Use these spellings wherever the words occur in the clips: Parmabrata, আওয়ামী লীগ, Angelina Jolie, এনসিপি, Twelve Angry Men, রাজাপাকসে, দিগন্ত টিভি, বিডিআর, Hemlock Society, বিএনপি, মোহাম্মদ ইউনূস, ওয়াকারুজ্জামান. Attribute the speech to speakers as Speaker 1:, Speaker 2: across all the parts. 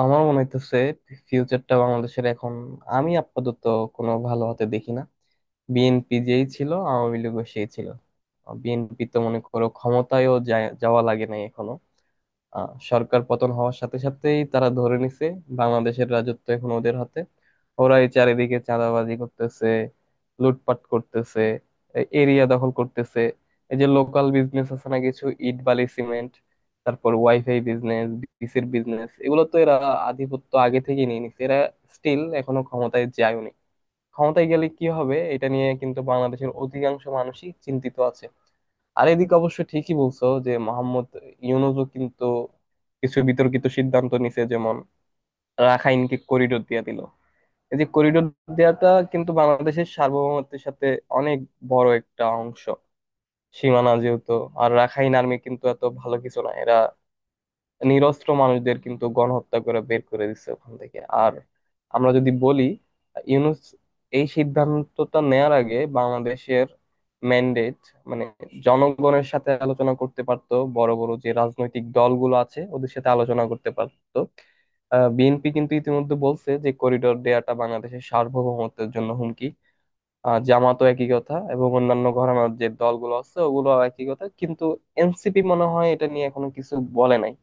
Speaker 1: আমার মনে হইতেছে ফিউচারটা বাংলাদেশের এখন আমি আপাতত কোনো ভালো হতে দেখি না। বিএনপি যেই ছিল আওয়ামী লীগও সেই ছিল। বিএনপি তো মনে করো ক্ষমতায়ও যাওয়া লাগে নাই এখনো। সরকার পতন হওয়ার সাথে সাথেই তারা ধরে নিছে বাংলাদেশের রাজত্ব এখন ওদের হাতে। ওরা এই চারিদিকে চাঁদাবাজি করতেছে, লুটপাট করতেছে, এরিয়া দখল করতেছে। এই যে লোকাল বিজনেস আছে না, কিছু ইট বালি সিমেন্ট, তারপর ওয়াইফাই বিজনেস, বিসির বিজনেস, এগুলো তো এরা আধিপত্য আগে থেকে নিয়ে নিছে। এরা স্টিল এখনো ক্ষমতায় যায়নি, ক্ষমতায় গেলে কি হবে এটা নিয়ে কিন্তু বাংলাদেশের অধিকাংশ মানুষই চিন্তিত আছে। আর এদিকে অবশ্য ঠিকই বলছো যে মোহাম্মদ ইউনূসও কিন্তু কিছু বিতর্কিত সিদ্ধান্ত নিছে, যেমন রাখাইনকে করিডোর দিয়ে দিল। এই যে করিডোর দেওয়াটা কিন্তু বাংলাদেশের সার্বভৌমত্বের সাথে অনেক বড় একটা অংশ সীমানা যেহেতু, আর রাখাইন আর্মি কিন্তু এত ভালো কিছু না, এরা নিরস্ত্র মানুষদের কিন্তু গণহত্যা করে বের করে দিচ্ছে ওখান থেকে। আর আমরা যদি বলি, ইউনুস এই সিদ্ধান্তটা নেয়ার আগে বাংলাদেশের ম্যান্ডেট মানে জনগণের সাথে আলোচনা করতে পারতো, বড় বড় যে রাজনৈতিক দলগুলো আছে ওদের সাথে আলোচনা করতে পারতো। বিএনপি কিন্তু ইতিমধ্যে বলছে যে করিডোর দেয়াটা বাংলাদেশের সার্বভৌমত্বের জন্য হুমকি। জামাতও একই কথা, এবং অন্যান্য ঘরানার যে দলগুলো আছে ওগুলো একই কথা, কিন্তু এনসিপি মনে হয় এটা নিয়ে এখনো কিছু বলে নাই।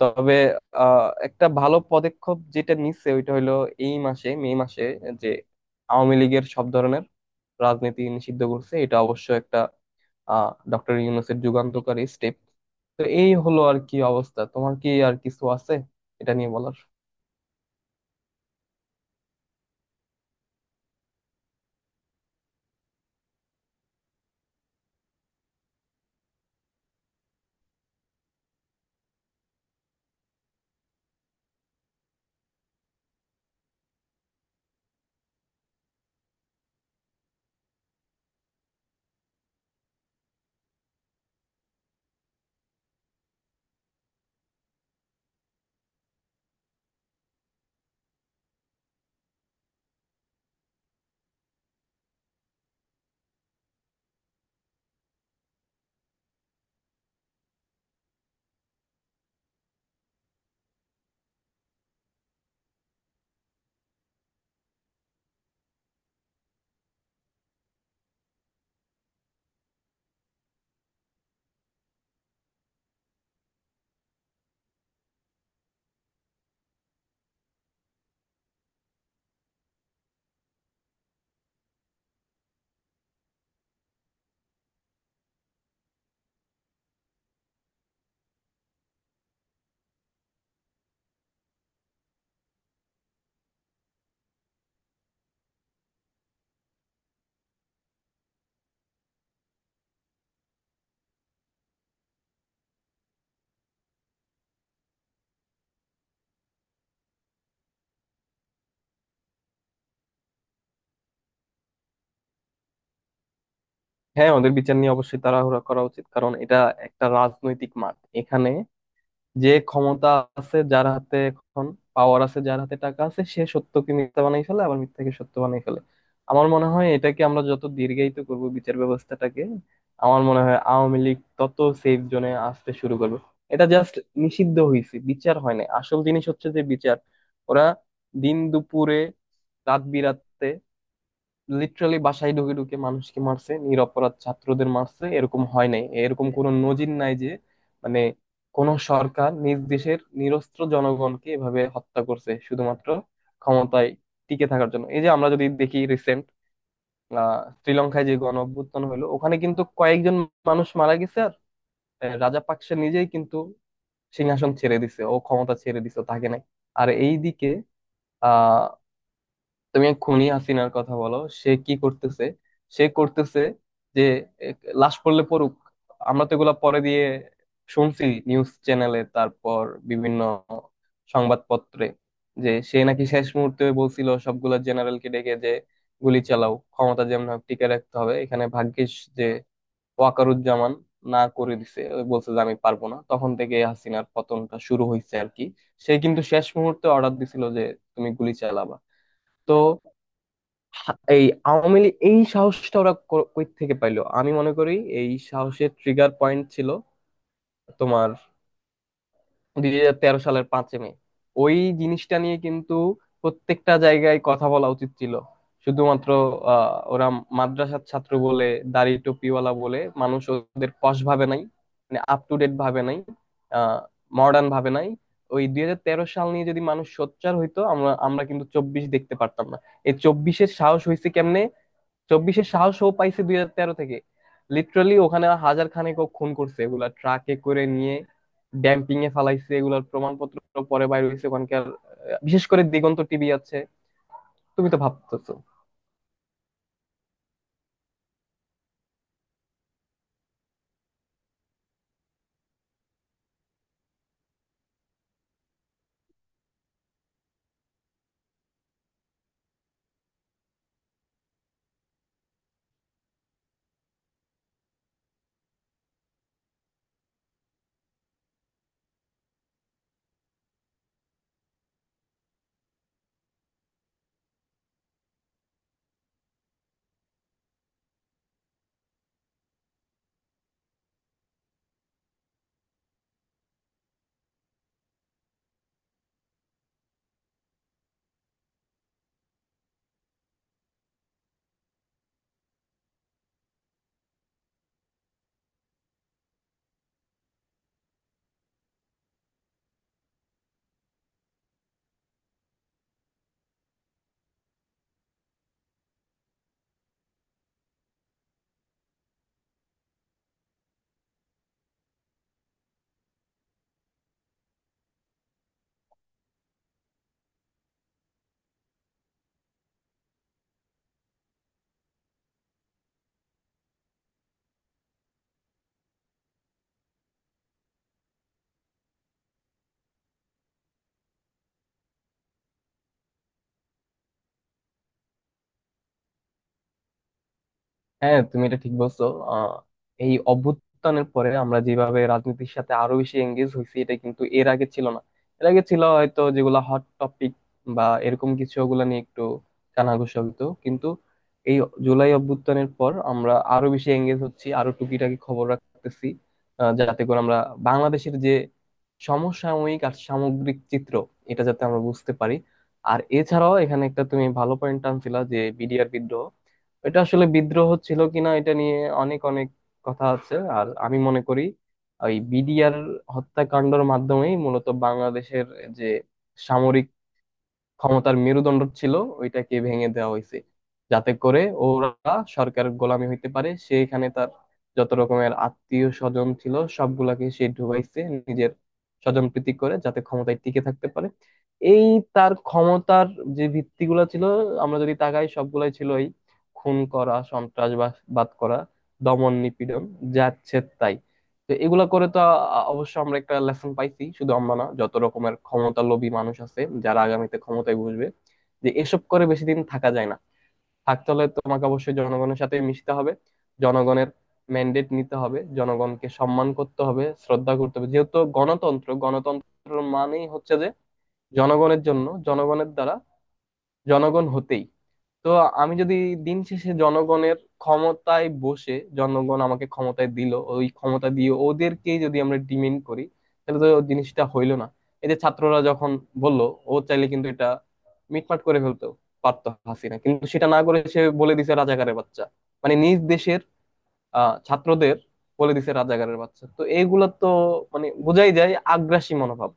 Speaker 1: তবে একটা ভালো পদক্ষেপ যেটা নিচ্ছে ওইটা হলো এই মাসে, মে মাসে, যে আওয়ামী লীগের সব ধরনের রাজনীতি নিষিদ্ধ করছে, এটা অবশ্য একটা ডক্টর ইউনূসের যুগান্তকারী স্টেপ। তো এই হলো আর কি অবস্থা। তোমার কি আর কিছু আছে এটা নিয়ে বলার? হ্যাঁ, ওদের বিচার নিয়ে অবশ্যই তাড়াহুড়া করা উচিত, কারণ এটা একটা রাজনৈতিক মাঠ। এখানে যে ক্ষমতা আছে যার হাতে, এখন পাওয়ার আছে যার হাতে, টাকা আছে, সে সত্যকে মিথ্যা বানাই ফেলে, আবার মিথ্যাকে সত্য বানাই ফেলে। আমার মনে হয় এটাকে আমরা যত দীর্ঘায়িত করব বিচার ব্যবস্থাটাকে, আমার মনে হয় আওয়ামী লীগ তত সেফ জোনে আসতে শুরু করবে। এটা জাস্ট নিষিদ্ধ হয়েছে, বিচার হয় না। আসল জিনিস হচ্ছে যে বিচার। ওরা দিন দুপুরে, রাত বিরাতে, লিটারালি বাসায় ঢুকে ঢুকে মানুষকে মারছে, নিরপরাধ ছাত্রদের মারছে। এরকম হয় নাই, এরকম কোনো নজির নাই যে মানে কোন সরকার নিজ দেশের নিরস্ত্র জনগণকে এভাবে হত্যা করছে শুধুমাত্র ক্ষমতায় টিকে থাকার জন্য। এই যে আমরা যদি দেখি রিসেন্ট শ্রীলঙ্কায় যে গণ অভ্যুত্থান হলো, ওখানে কিন্তু কয়েকজন মানুষ মারা গেছে, আর রাজাপাকসে নিজেই কিন্তু সিংহাসন ছেড়ে দিছে, ও ক্ষমতা ছেড়ে দিছে, তাকে নাই। আর এইদিকে আহ তুমি এক খুনি হাসিনার কথা বলো, সে কি করতেছে? সে করতেছে যে, এক, লাশ পড়লে পড়ুক। আমরা তো এগুলা পরে দিয়ে শুনছি নিউজ চ্যানেলে, তারপর বিভিন্ন সংবাদপত্রে, যে সে নাকি শেষ মুহূর্তে বলছিল সবগুলা জেনারেলকে ডেকে যে গুলি চালাও, ক্ষমতা যেমন হোক টিকে রাখতে হবে। এখানে ভাগ্যিস যে ওয়াকারুজ্জামান না করে দিছে, ওই বলছে যে আমি পারবো না, তখন থেকে হাসিনার পতনটা শুরু হয়েছে আর কি। সে কিন্তু শেষ মুহূর্তে অর্ডার দিছিল যে তুমি গুলি চালাবা। তো এই আওয়ামী লীগ এই সাহসটা ওরা কই থেকে পাইলো? আমি মনে করি এই সাহসের ট্রিগার পয়েন্ট ছিল তোমার 2013 সালের 5ই মে। ওই জিনিসটা নিয়ে কিন্তু প্রত্যেকটা জায়গায় কথা বলা উচিত ছিল। শুধুমাত্র ওরা মাদ্রাসার ছাত্র বলে, দাড়ি টুপিওয়ালা বলে মানুষ ওদের পশ ভাবে নাই, মানে আপ টু ডেট ভাবে নাই, আহ মডার্ন ভাবে নাই। ওই 2013 সাল নিয়ে যদি মানুষ সোচ্চার হইতো, আমরা আমরা কিন্তু 24 দেখতে পারতাম না। এই 24-এর সাহস হয়েছে কেমনে? 24-এর সাহসও পাইছে 2013 থেকে। লিটারালি ওখানে হাজার খানেক ও খুন করছে, এগুলা ট্রাকে করে নিয়ে ড্যাম্পিং এ ফালাইছে, এগুলার প্রমাণপত্র পরে বাইরে হয়েছে ওখানকার। বিশেষ করে দিগন্ত টিভি আছে, তুমি তো ভাবতেছো। হ্যাঁ, তুমি এটা ঠিক বলছো। আহ, এই অভ্যুত্থানের পরে আমরা যেভাবে রাজনীতির সাথে আরো বেশি এঙ্গেজ হয়েছি, এটা কিন্তু এর আগে ছিল না। এর আগে ছিল হয়তো যেগুলা হট টপিক বা এরকম কিছু, ওগুলা নিয়ে একটু কানাঘুষা হইতো, কিন্তু এই জুলাই অভ্যুত্থানের পর আমরা আরো বেশি এঙ্গেজ হচ্ছি, আরো টুকিটাকি খবর রাখতেছি, যাতে করে আমরা বাংলাদেশের যে সমসাময়িক আর সামগ্রিক চিত্র, এটা যাতে আমরা বুঝতে পারি। আর এছাড়াও এখানে একটা তুমি ভালো পয়েন্ট আনছিলা যে বিডিআর বিদ্রোহ। এটা আসলে বিদ্রোহ ছিল কিনা এটা নিয়ে অনেক অনেক কথা আছে, আর আমি মনে করি ওই বিডিআর হত্যাকাণ্ডের মাধ্যমেই মূলত বাংলাদেশের যে সামরিক ক্ষমতার মেরুদণ্ড ছিল ওইটাকে ভেঙে দেওয়া হয়েছে, যাতে করে ওরা সরকারের গোলামি হইতে পারে। সেইখানে তার যত রকমের আত্মীয় স্বজন ছিল সবগুলাকে সে ঢুকাইছে, নিজের স্বজন প্রীতি করে, যাতে ক্ষমতায় টিকে থাকতে পারে। এই তার ক্ষমতার যে ভিত্তিগুলো ছিল, আমরা যদি তাকাই, সবগুলাই ছিল এই খুন করা, সন্ত্রাসবাদ করা, দমন নিপীড়ন, যাচ্ছে তাই। তো এগুলা করে তো অবশ্য আমরা একটা লেসন পাইছি, শুধু আমরা না, যত রকমের ক্ষমতালোভী মানুষ আছে যারা আগামীতে ক্ষমতায় বসবে, যে এসব করে বেশি দিন থাকা যায় না, থাকতে হলে তোমাকে অবশ্যই জনগণের সাথে মিশতে হবে, জনগণের ম্যান্ডেট নিতে হবে, জনগণকে সম্মান করতে হবে, শ্রদ্ধা করতে হবে। যেহেতু গণতন্ত্র, গণতন্ত্র মানেই হচ্ছে যে জনগণের জন্য, জনগণের দ্বারা, জনগণ হতেই। তো আমি যদি দিন শেষে জনগণের ক্ষমতায় বসে, জনগণ আমাকে ক্ষমতায় দিল, ওই ক্ষমতা দিয়ে ওদেরকেই যদি আমরা ডিমেন্ড করি, তাহলে তো জিনিসটা হইলো না। এই যে ছাত্ররা যখন বলল, ও চাইলে কিন্তু এটা মিটমাট করে ফেলতে পারতো হাসিনা, কিন্তু সেটা না করে সে বলে দিছে রাজাকারের বাচ্চা। মানে নিজ দেশের ছাত্রদের বলে দিছে রাজাকারের বাচ্চা। তো এইগুলা তো মানে বোঝাই যায় আগ্রাসী মনোভাব।